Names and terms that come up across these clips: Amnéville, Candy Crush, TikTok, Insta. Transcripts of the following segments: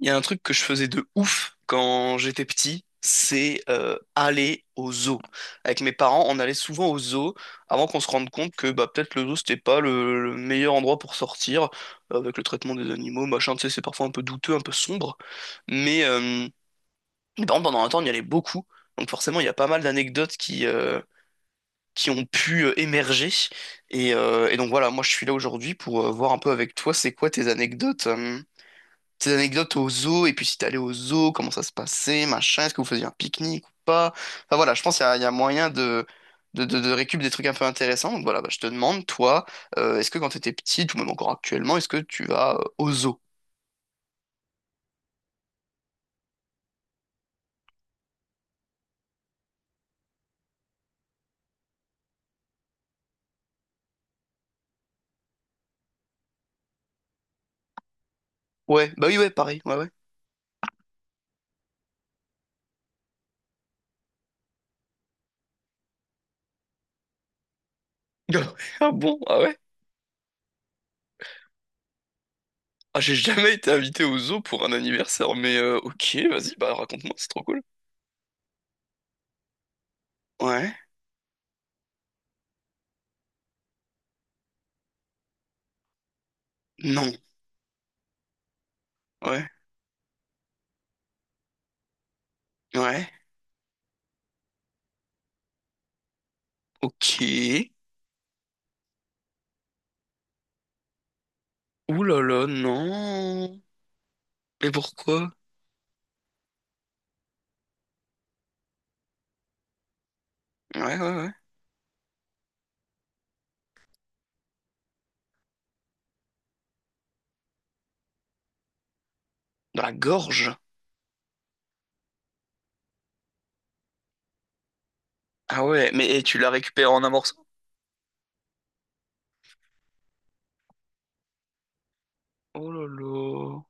Il y a un truc que je faisais de ouf quand j'étais petit, c'est aller au zoo. Avec mes parents, on allait souvent au zoo avant qu'on se rende compte que bah, peut-être le zoo, c'était pas le meilleur endroit pour sortir, avec le traitement des animaux, machin, tu sais, c'est parfois un peu douteux, un peu sombre. Mais euh, mais par contre, pendant un temps, on y allait beaucoup. Donc forcément, il y a pas mal d'anecdotes qui ont pu émerger. Et donc voilà, moi, je suis là aujourd'hui pour voir un peu avec toi, c'est quoi tes anecdotes, tes anecdotes au zoo, et puis si t'es allé au zoo, comment ça se passait, machin, est-ce que vous faisiez un pique-nique ou pas? Enfin voilà, je pense qu'il y a moyen de récup des trucs un peu intéressants. Donc voilà, bah, je te demande, toi, est-ce que quand t'étais petite, ou même encore actuellement, est-ce que tu vas au zoo? Ouais, bah oui, ouais, pareil, ouais, ouais. Ah bon? Ah ouais? Ah, j'ai jamais été invité au zoo pour un anniversaire, mais ok, vas-y, bah raconte-moi, c'est trop cool. Ouais, non, ouais, ouais, ok. Ouh là là, non. Mais pourquoi? Ouais, ouais, ouais. Dans la gorge? Ah ouais, mais et tu l'as récupéré en un morceau? Oh là là.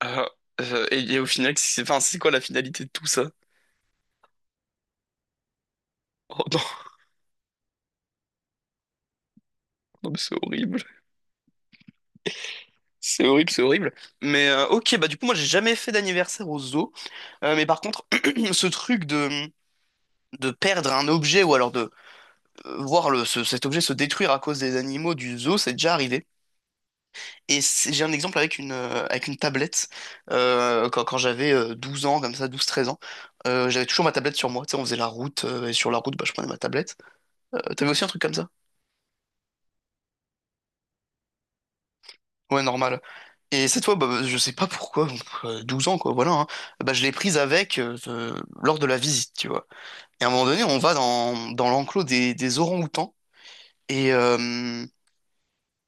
Ah, et au final, c'est enfin, c'est quoi la finalité de tout ça? Oh non, non mais c'est horrible. C'est horrible, c'est horrible. Mais ok, bah du coup, moi j'ai jamais fait d'anniversaire au zoo. Mais par contre, ce truc de perdre un objet ou alors de voir cet objet se détruire à cause des animaux du zoo, c'est déjà arrivé. Et c'est- j'ai un exemple avec une tablette. Quand j'avais 12 ans, comme ça, douze treize ans, j'avais toujours ma tablette sur moi. Tu sais, on faisait la route, et sur la route, bah, je prenais ma tablette. T'avais aussi un truc comme ça? Ouais, normal. Et cette fois, bah, bah, je sais pas pourquoi, bon, 12 ans, quoi, voilà, hein, bah, je l'ai prise avec lors de la visite, tu vois. Et à un moment donné, on va dans l'enclos des orang-outans. Et, euh,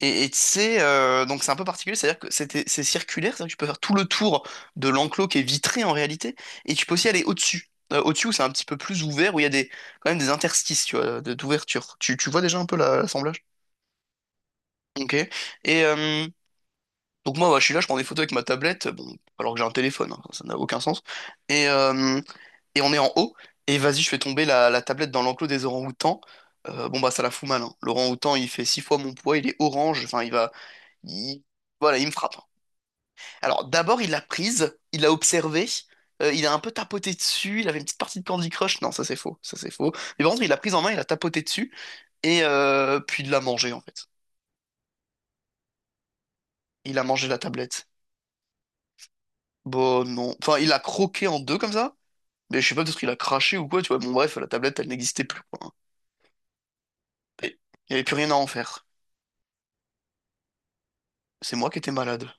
Et tu Donc c'est un peu particulier, c'est-à-dire que c'était, c'est circulaire, c'est-à-dire que tu peux faire tout le tour de l'enclos qui est vitré en réalité, et tu peux aussi aller au-dessus. Au-dessus où c'est un petit peu plus ouvert, où il y a des, quand même des interstices, tu vois, d'ouverture. Tu vois déjà un peu l'assemblage? Ok. Et donc moi, bah, je suis là, je prends des photos avec ma tablette, bon, alors que j'ai un téléphone, hein, ça n'a aucun sens. Et, euh, et on est en haut, et vas-y, je fais tomber la tablette dans l'enclos des orang-outans. Bon bah ça la fout mal, hein. L'orang-outan il fait 6 fois mon poids, il est orange, enfin il va, il- voilà, il me frappe. Alors, d'abord, il l'a prise, il l'a observée, il a un peu tapoté dessus, il avait une petite partie de Candy Crush. Non, ça c'est faux, ça c'est faux. Mais par contre, il l'a prise en main, il a tapoté dessus, puis il l'a mangé en fait. Il a mangé la tablette. Bon, non. Enfin, il l'a croqué en deux comme ça, mais je sais pas, peut-être qu'il a craché ou quoi, tu vois. Bon, bref, la tablette, elle n'existait plus, quoi. Et il n'y avait plus rien à en faire. C'est moi qui étais malade.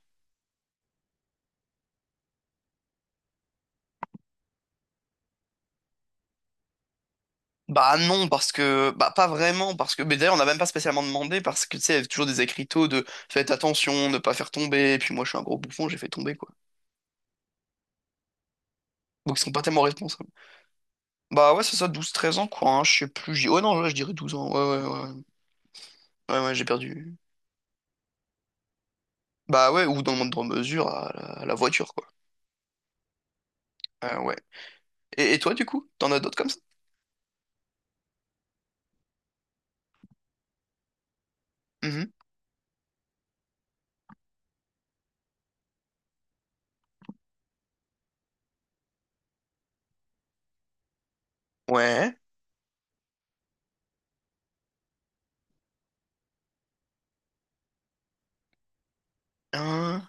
Bah non, parce que... Bah pas vraiment, parce que... Mais d'ailleurs, on n'a même pas spécialement demandé, parce que, tu sais, il y avait toujours des écriteaux de «faites attention, ne pas faire tomber», et puis moi, je suis un gros bouffon, j'ai fait tomber, quoi. Donc ils sont pas tellement responsables. Bah ouais, c'est ça, douze treize ans, quoi, hein, je sais plus... Oh non, ouais, je dirais 12 ans, ouais, ouais, ouais. Ouais, ouais, j'ai perdu. Bah ouais, ou dans le moindre mesure, à la voiture, quoi. Ouais. Et toi, du coup, t'en as d'autres comme ça? Mhm. Ouais. Hein.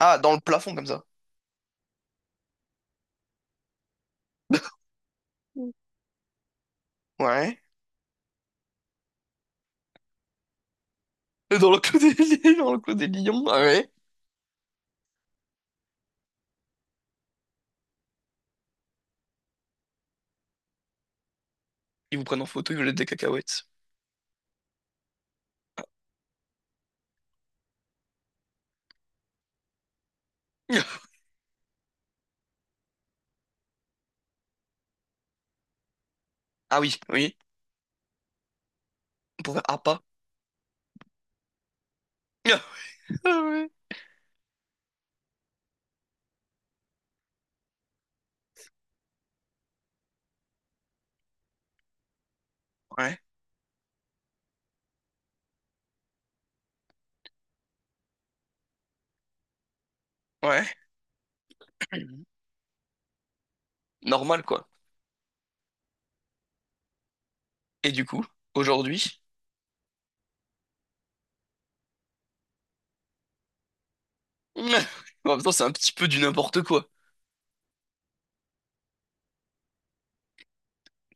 Ah, dans le plafond, comme ça. Mm. Ouais. Et Dans le clos des, dans le clos des lions, ah ouais. Ils vous prennent en photo, ils vous jettent des cacahuètes. Ah oui, oui. On pouvait ah pas. Ah ouais. Ouais, ouais. Normal, quoi. Et du coup, aujourd'hui, en même temps, c'est un petit peu du n'importe quoi.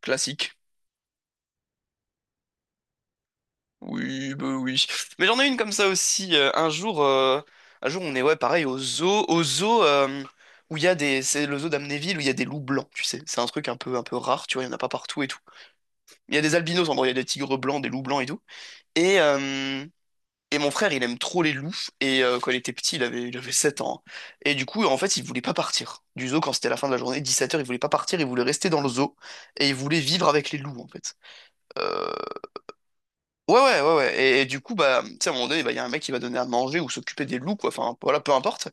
Classique. Oui, bah oui. Mais j'en ai une comme ça aussi. Un jour, on est, ouais, pareil, au zoo, où il y a des, c'est le zoo d'Amnéville où il y a des loups blancs, tu sais. C'est un truc un peu, rare, tu vois, il y en a pas partout et tout. Il y a des albinos, en gros, il y a des tigres blancs, des loups blancs et tout. Et, euh, Et mon frère, il aime trop les loups. Quand il était petit, il avait 7 ans. Et du coup, en fait, il voulait pas partir du zoo quand c'était la fin de la journée, 17 heures. Il voulait pas partir, il voulait rester dans le zoo. Et il voulait vivre avec les loups, en fait. Euh, Ouais, ouais, ouais, ouais. Et du coup, bah, tu sais, à un moment donné, bah, il y a un mec qui va donner à manger ou s'occuper des loups, quoi. Enfin, voilà, peu importe.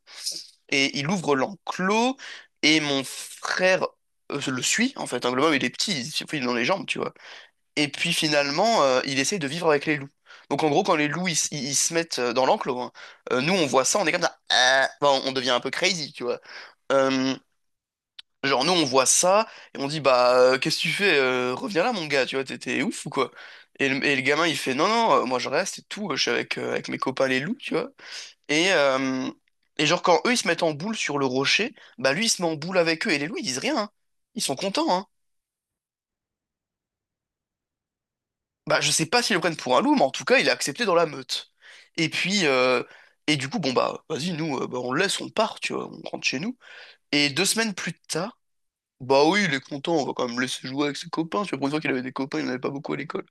Et il ouvre l'enclos. Et mon frère le suit, en fait. Hein, le moment il est petit, il est dans les jambes, tu vois. Et puis finalement, il essaye de vivre avec les loups. Donc en gros, quand les loups ils se mettent dans l'enclos, hein, nous on voit ça, on est comme ça, ah. Enfin, on devient un peu crazy, tu vois. Euh, genre nous on voit ça et on dit bah qu'est-ce que tu fais, reviens là mon gars, tu vois, t'es ouf ou quoi? Et le gamin il fait non non, moi je reste et tout, je suis avec avec mes copains les loups, tu vois. Et euh, et genre quand eux ils se mettent en boule sur le rocher, bah lui il se met en boule avec eux et les loups ils disent rien, hein. Ils sont contents, hein. Bah, je sais pas s'ils le prennent pour un loup, mais en tout cas, il est accepté dans la meute. Et puis, du coup, bon, bah, vas-y, nous, bah, on le laisse, on part, tu vois, on rentre chez nous. Et 2 semaines plus tard, bah oui, il est content, on va quand même le laisser jouer avec ses copains, tu vois, pour une fois qu'il avait des copains, il n'en avait pas beaucoup à l'école.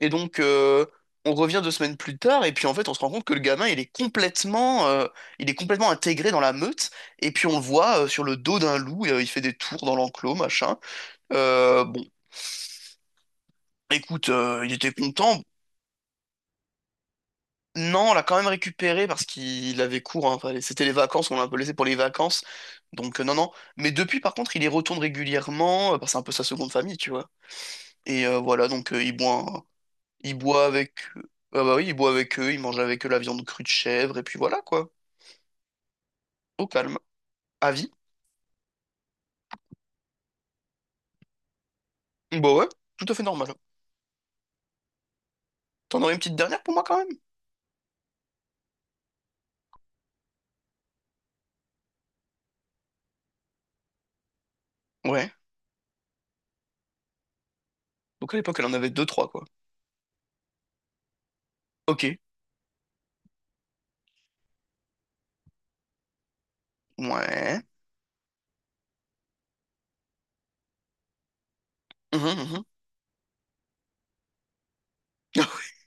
Et donc, on revient 2 semaines plus tard, et puis en fait, on se rend compte que le gamin, il est complètement intégré dans la meute, et puis on le voit sur le dos d'un loup, et, il fait des tours dans l'enclos, machin. Bon, écoute, il était content. Non, on l'a quand même récupéré parce qu'il avait cours. Hein. Enfin, c'était les vacances, on l'a un peu laissé pour les vacances. Donc non, non. Mais depuis, par contre, il y retourne régulièrement, parce que c'est un peu sa seconde famille, tu vois. Et voilà, donc il boit, il boit avec, ah bah oui, il boit avec eux, il mange avec eux la viande crue de chèvre et puis voilà quoi. Au calme, à vie. Bah ouais, tout à fait normal. T'en aurais une petite dernière pour moi quand même? Ouais. Donc à l'époque, elle en avait deux, trois quoi. Ok. Ouais. Mhm, mhm.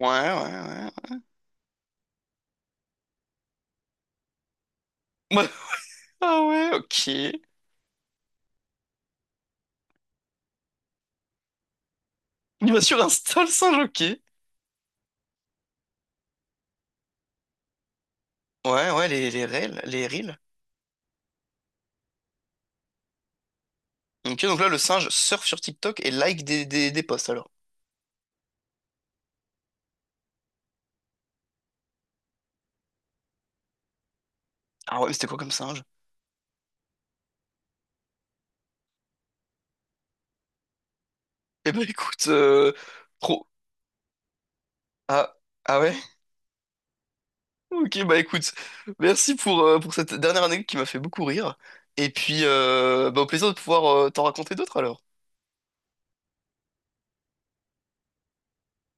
Ouais, ouais, ouais. Ah ouais, ok. Il va sur Insta, le singe, ok. Ouais, ouais, les reels. Ok, donc là, le singe surfe sur TikTok et like des posts, alors. Ah ouais, mais c'était quoi comme singe? Eh ben, écoute, trop... Ah, ah ouais? Ok, bah écoute, merci pour cette dernière anecdote qui m'a fait beaucoup rire. Et puis, bah, au plaisir de pouvoir t'en raconter d'autres, alors.